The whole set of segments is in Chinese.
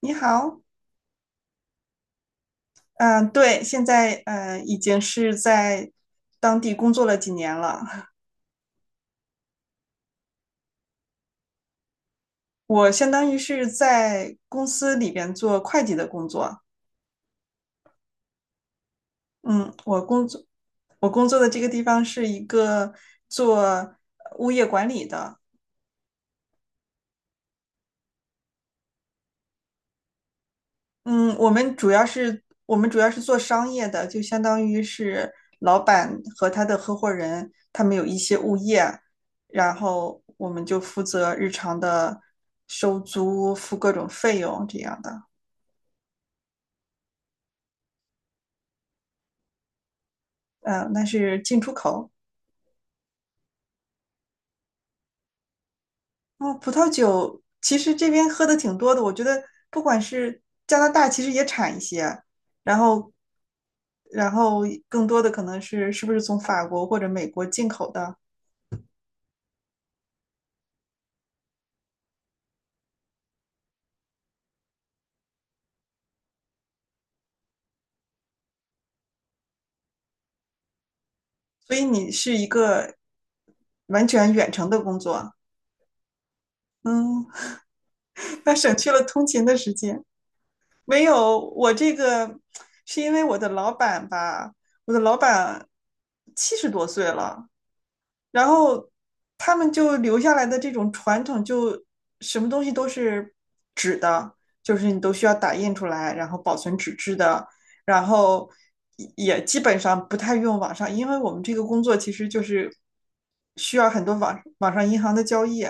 你好，嗯，对，现在已经是在当地工作了几年了。我相当于是在公司里边做会计的工作。嗯，我工作的这个地方是一个做物业管理的，嗯，我们主要是做商业的，就相当于是老板和他的合伙人，他们有一些物业，然后我们就负责日常的收租、付各种费用这样的。嗯、那是进出口。哦，葡萄酒其实这边喝的挺多的，我觉得不管是加拿大，其实也产一些，然后然后更多的可能是不是从法国或者美国进口的。所以你是一个完全远程的工作啊，嗯，那省去了通勤的时间。没有，我这个是因为我的老板吧，我的老板七十多岁了，然后他们就留下来的这种传统，就什么东西都是纸的，就是你都需要打印出来，然后保存纸质的，然后也基本上不太用网上，因为我们这个工作其实就是需要很多网上银行的交易。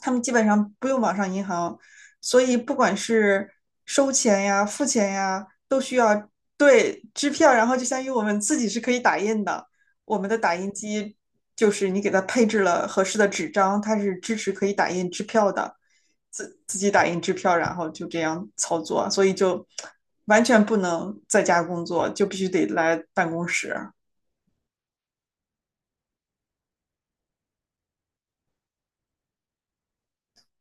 他们基本上不用网上银行，所以不管是收钱呀、付钱呀，都需要，对，支票，然后就相当于我们自己是可以打印的，我们的打印机就是你给它配置了合适的纸张，它是支持可以打印支票的，自己打印支票，然后就这样操作，所以就完全不能在家工作，就必须得来办公室。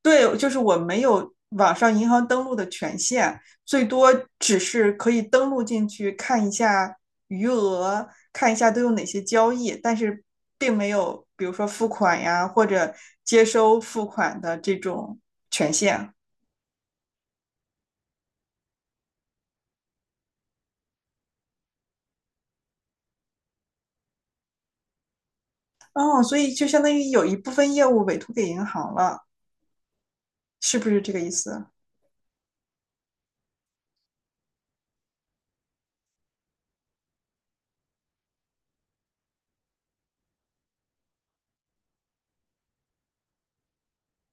对，就是我没有网上银行登录的权限，最多只是可以登录进去看一下余额，看一下都有哪些交易，但是并没有比如说付款呀或者接收付款的这种权限。哦，所以就相当于有一部分业务委托给银行了，是不是这个意思？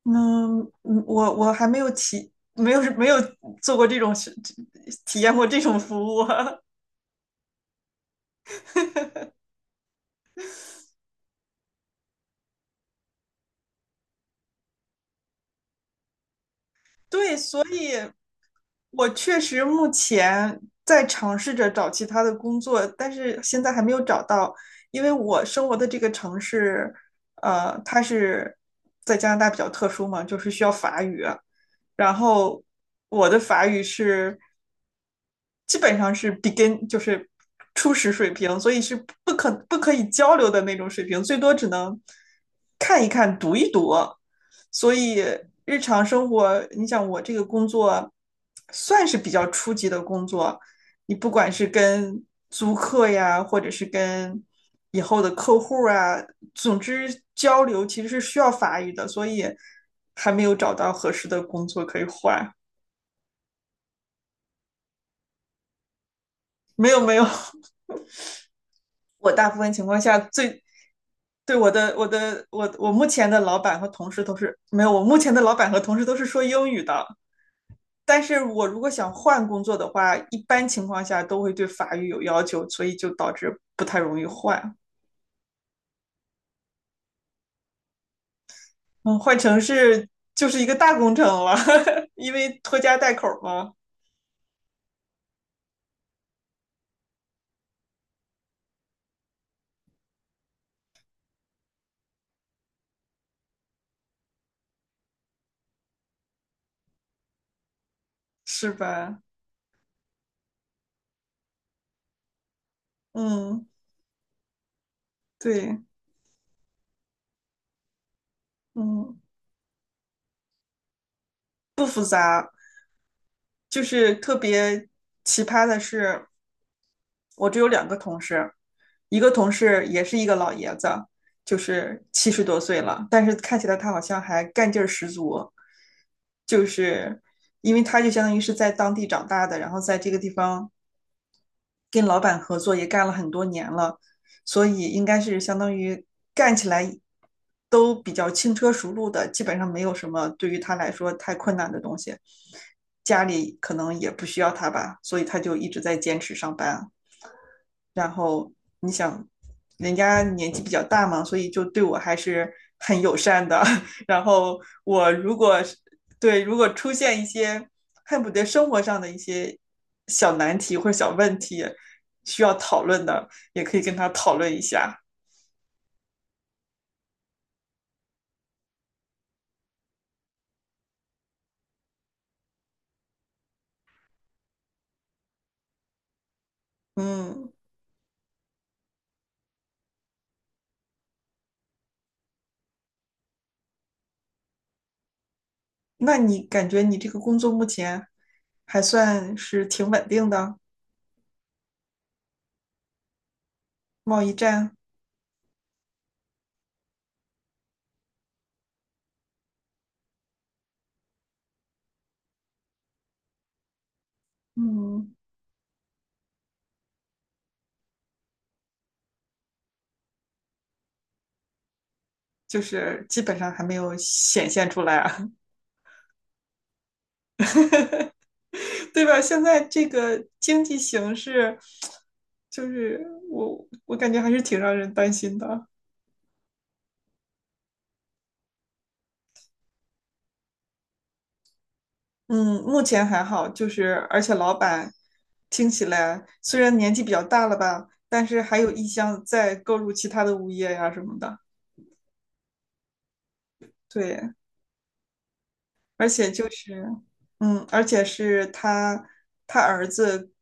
嗯，嗯我还没有体没有没有做过这种体验过这种服务。对，所以我确实目前在尝试着找其他的工作，但是现在还没有找到，因为我生活的这个城市，它是在加拿大比较特殊嘛，就是需要法语，然后我的法语基本上是 begin，就是初始水平，所以是不可以交流的那种水平，最多只能看一看、读一读。所以日常生活，你想我这个工作算是比较初级的工作，你不管是跟租客呀，或者是跟以后的客户啊，总之交流其实是需要法语的，所以还没有找到合适的工作可以换。没有没有，我大部分情况下最对，我目前的老板和同事都是没有，我目前的老板和同事都是说英语的。但是我如果想换工作的话，一般情况下都会对法语有要求，所以就导致不太容易换。嗯，换城市就是一个大工程了，因为拖家带口嘛，是吧？嗯，对，嗯，就是特别奇葩的是，我只有两个同事，一个同事也是一个老爷子，就是七十多岁了，但是看起来他好像还干劲儿十足，就是因为他就相当于是在当地长大的，然后在这个地方跟老板合作也干了很多年了，所以应该是相当于干起来都比较轻车熟路的，基本上没有什么对于他来说太困难的东西。家里可能也不需要他吧，所以他就一直在坚持上班啊。然后你想，人家年纪比较大嘛，所以就对我还是很友善的。然后我如果对，如果出现一些恨不得生活上的一些小难题或者小问题需要讨论的，也可以跟他讨论一下。嗯，那你感觉你这个工作目前还算是挺稳定的？贸易战，嗯，就是基本上还没有显现出来啊。对吧？现在这个经济形势，就是我感觉还是挺让人担心的。嗯，目前还好，就是而且老板听起来虽然年纪比较大了吧，但是还有意向再购入其他的物业呀、什么的。对，而且就是，嗯，而且是他儿子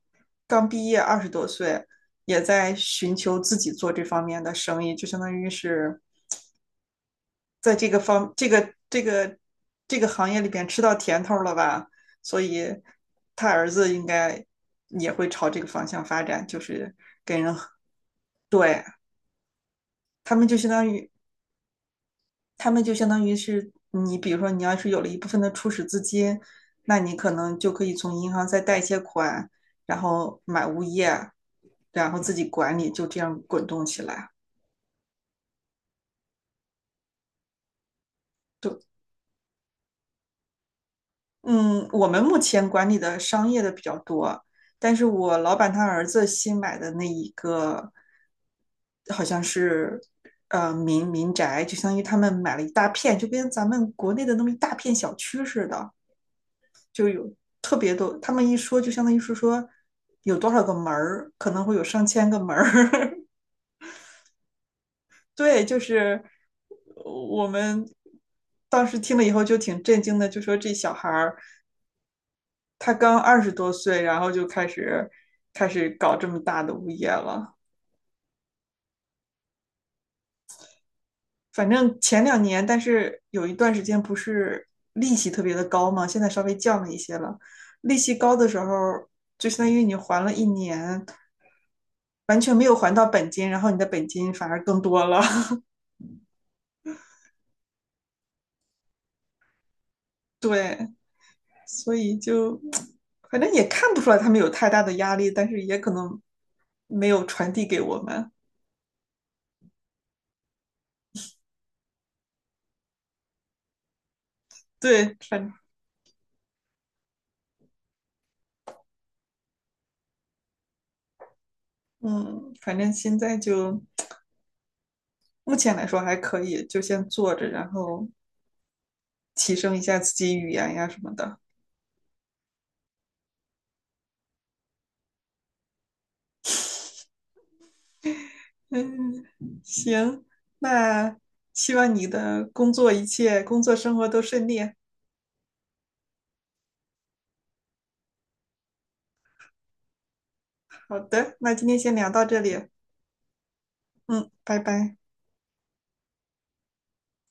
刚毕业二十多岁，也在寻求自己做这方面的生意，就相当于是在这个方这个这个这个行业里边吃到甜头了吧，所以他儿子应该也会朝这个方向发展，就是给人对，他们就相当于他们就相当于是你，比如说你要是有了一部分的初始资金，那你可能就可以从银行再贷一些款，然后买物业，然后自己管理，就这样滚动起来。对，嗯，我们目前管理的商业的比较多，但是我老板他儿子新买的那一个，好像是民宅，就相当于他们买了一大片，就跟咱们国内的那么一大片小区似的，特别多。他们一说就相当于是说有多少个门儿，可能会有上千个门儿。对，就是我们当时听了以后就挺震惊的，就说这小孩儿。他刚二十多岁，然后就开始搞这么大的物业了。反正前两年，但是有一段时间不是利息特别的高嘛，现在稍微降了一些了。利息高的时候，就相当于你还了一年，完全没有还到本金，然后你的本金反而更多了。对，所以就反正也看不出来他们有太大的压力，但是也可能没有传递给我们。对，反正现在就目前来说还可以，就先做着，然后提升一下自己语言呀什么的。嗯，行，那希望你的工作一切，工作生活都顺利。好的，那今天先聊到这里。嗯，拜拜。